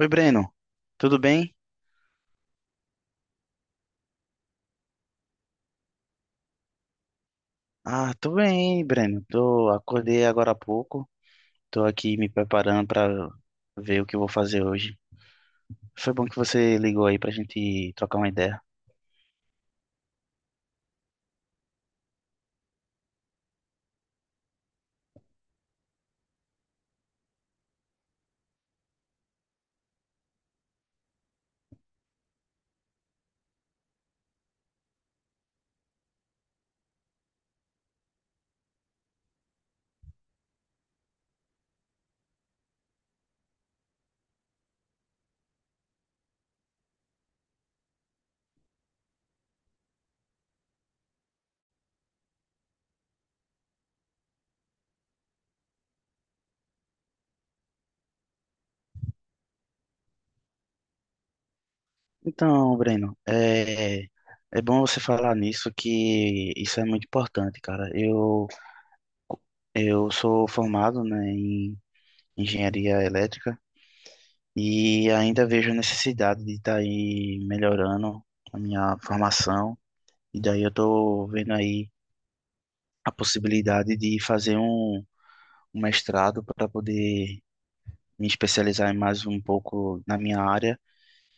Oi, Breno. Tudo bem? Ah, tô bem, Breno. Tô, acordei agora há pouco. Tô aqui me preparando pra ver o que eu vou fazer hoje. Foi bom que você ligou aí pra gente trocar uma ideia. Então, Breno, é bom você falar nisso que isso é muito importante, cara. Eu sou formado, né, em engenharia elétrica e ainda vejo a necessidade de estar aí melhorando a minha formação. E daí eu tô vendo aí a possibilidade de fazer um mestrado para poder me especializar mais um pouco na minha área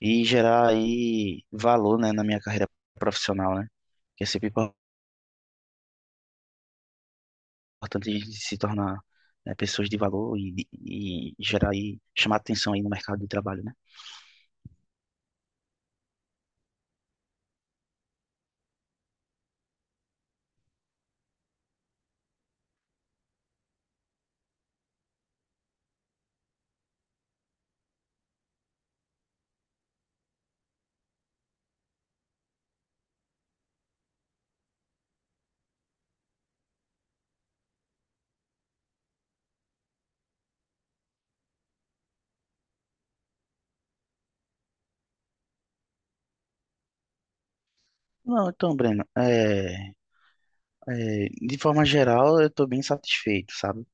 e gerar aí valor, né, na minha carreira profissional, né? Que é sempre importante a gente se tornar, né, pessoas de valor e gerar aí, chamar atenção aí no mercado de trabalho, né? Não, então, Breno, de forma geral eu tô bem satisfeito, sabe?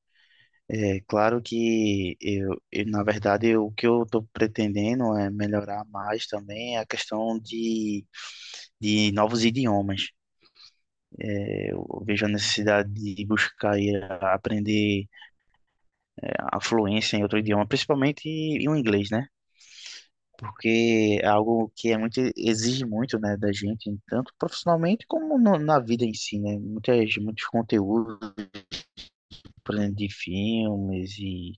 É claro que na verdade, o que eu estou pretendendo é melhorar mais também é a questão de novos idiomas. É, eu vejo a necessidade de buscar e aprender a fluência em outro idioma, principalmente em o inglês, né? Porque é algo que é muito, exige muito, né, da gente, tanto profissionalmente como na vida em si, né? Muitos conteúdos, por exemplo, de filmes e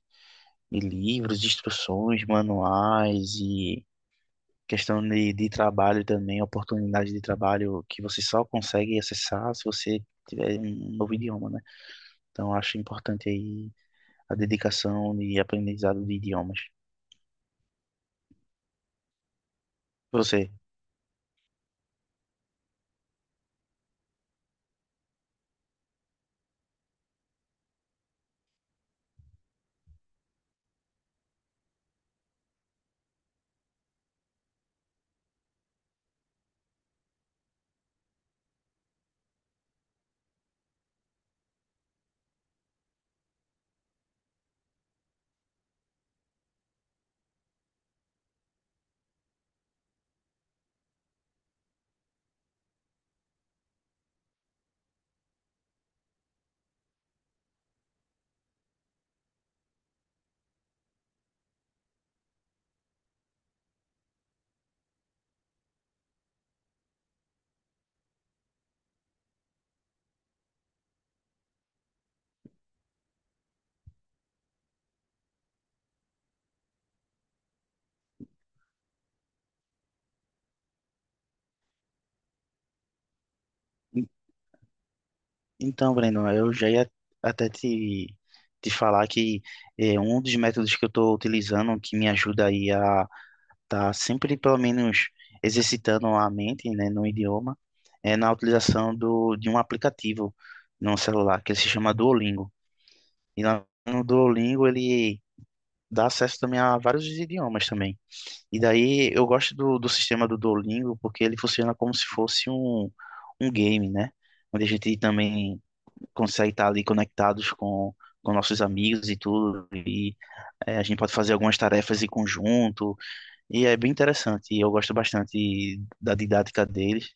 de livros, instruções, manuais e questão de trabalho também, oportunidade de trabalho que você só consegue acessar se você tiver um novo idioma, né? Então, eu acho importante aí a dedicação e aprendizado de idiomas. Você. En- Então, Breno, eu já ia até te falar que um dos métodos que eu estou utilizando que me ajuda aí a tá sempre pelo menos exercitando a mente, né, no idioma, é na utilização de um aplicativo no celular que ele se chama Duolingo. E lá no Duolingo ele dá acesso também a vários idiomas também. E daí eu gosto do sistema do Duolingo porque ele funciona como se fosse um game, né? Onde a gente também consegue estar ali conectados com nossos amigos e tudo. E a gente pode fazer algumas tarefas em conjunto e é bem interessante, e eu gosto bastante da didática deles,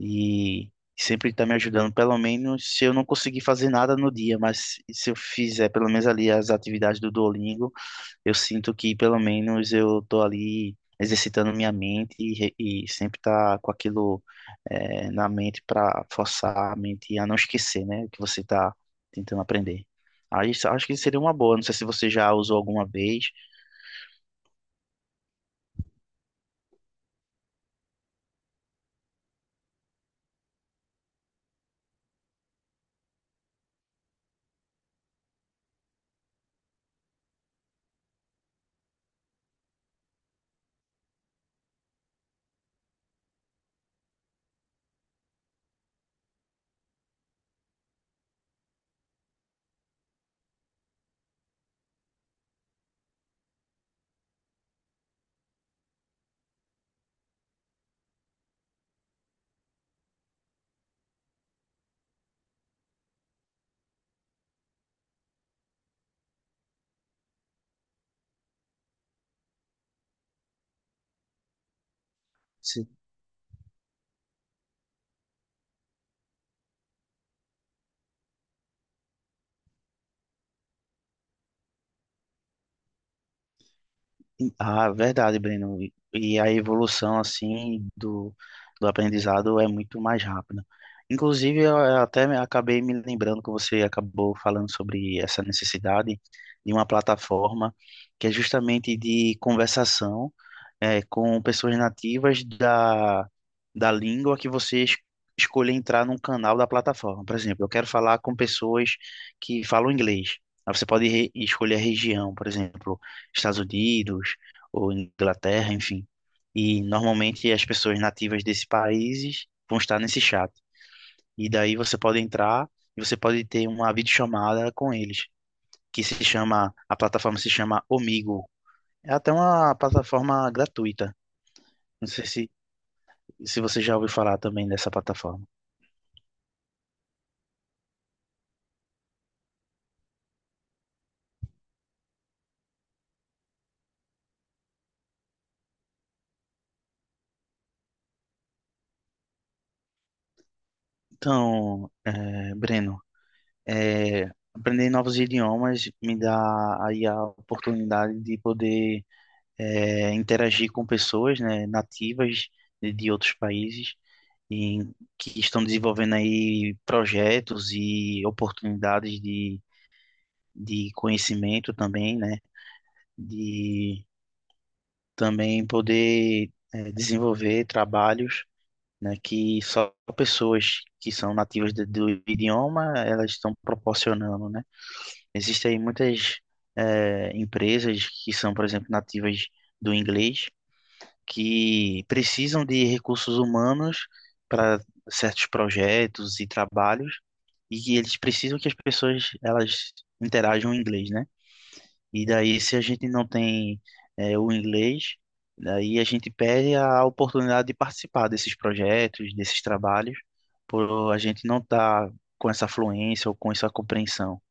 e sempre está me ajudando, pelo menos se eu não conseguir fazer nada no dia, mas se eu fizer pelo menos ali as atividades do Duolingo, eu sinto que pelo menos eu estou ali exercitando minha mente e sempre tá com aquilo na mente para forçar a mente a não esquecer, né, o que você está tentando aprender. Acho que seria uma boa, não sei se você já usou alguma vez. Ah, verdade, Breno. E a evolução, assim, do aprendizado é muito mais rápida. Inclusive, acabei me lembrando que você acabou falando sobre essa necessidade de uma plataforma que é justamente de conversação com pessoas nativas da língua que você escolher entrar num canal da plataforma. Por exemplo, eu quero falar com pessoas que falam inglês. Aí você pode escolher a região, por exemplo, Estados Unidos ou Inglaterra, enfim. E normalmente as pessoas nativas desses países vão estar nesse chat. E daí você pode entrar e você pode ter uma videochamada com eles, que se chama, a plataforma se chama Omigo. É até uma plataforma gratuita. Não sei se você já ouviu falar também dessa plataforma. Então, Breno, é, aprender novos idiomas me dá aí a oportunidade de poder interagir com pessoas, né, nativas de outros países e que estão desenvolvendo aí projetos e oportunidades de conhecimento também, né, de também poder desenvolver trabalhos né, que só pessoas que são nativas do idioma elas estão proporcionando, né? Existem aí muitas empresas que são, por exemplo, nativas do inglês que precisam de recursos humanos para certos projetos e trabalhos e que eles precisam que as pessoas elas interajam em inglês, né? E daí, se a gente não tem o inglês, daí a gente perde a oportunidade de participar desses projetos, desses trabalhos, por a gente não estar com essa fluência ou com essa compreensão.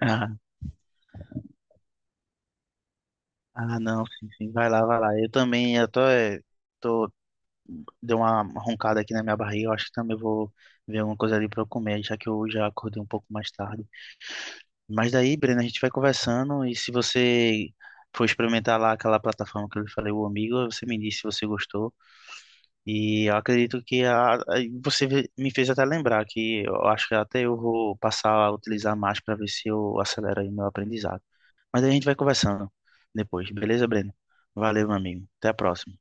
Ah, ah, não, sim, sim, vai lá, vai lá. Eu também, eu tô, eh, tô, deu uma roncada aqui na minha barriga, eu acho que também vou ver alguma coisa ali para eu comer, já que eu já acordei um pouco mais tarde. Mas daí, Breno, a gente vai conversando e se você for experimentar lá aquela plataforma que eu lhe falei, o Amigo, você me disse se você gostou. E eu acredito que você me fez até lembrar que eu acho que até eu vou passar a utilizar mais para ver se eu acelero aí meu aprendizado. Mas daí a gente vai conversando depois, beleza, Breno? Valeu, meu amigo. Até a próxima.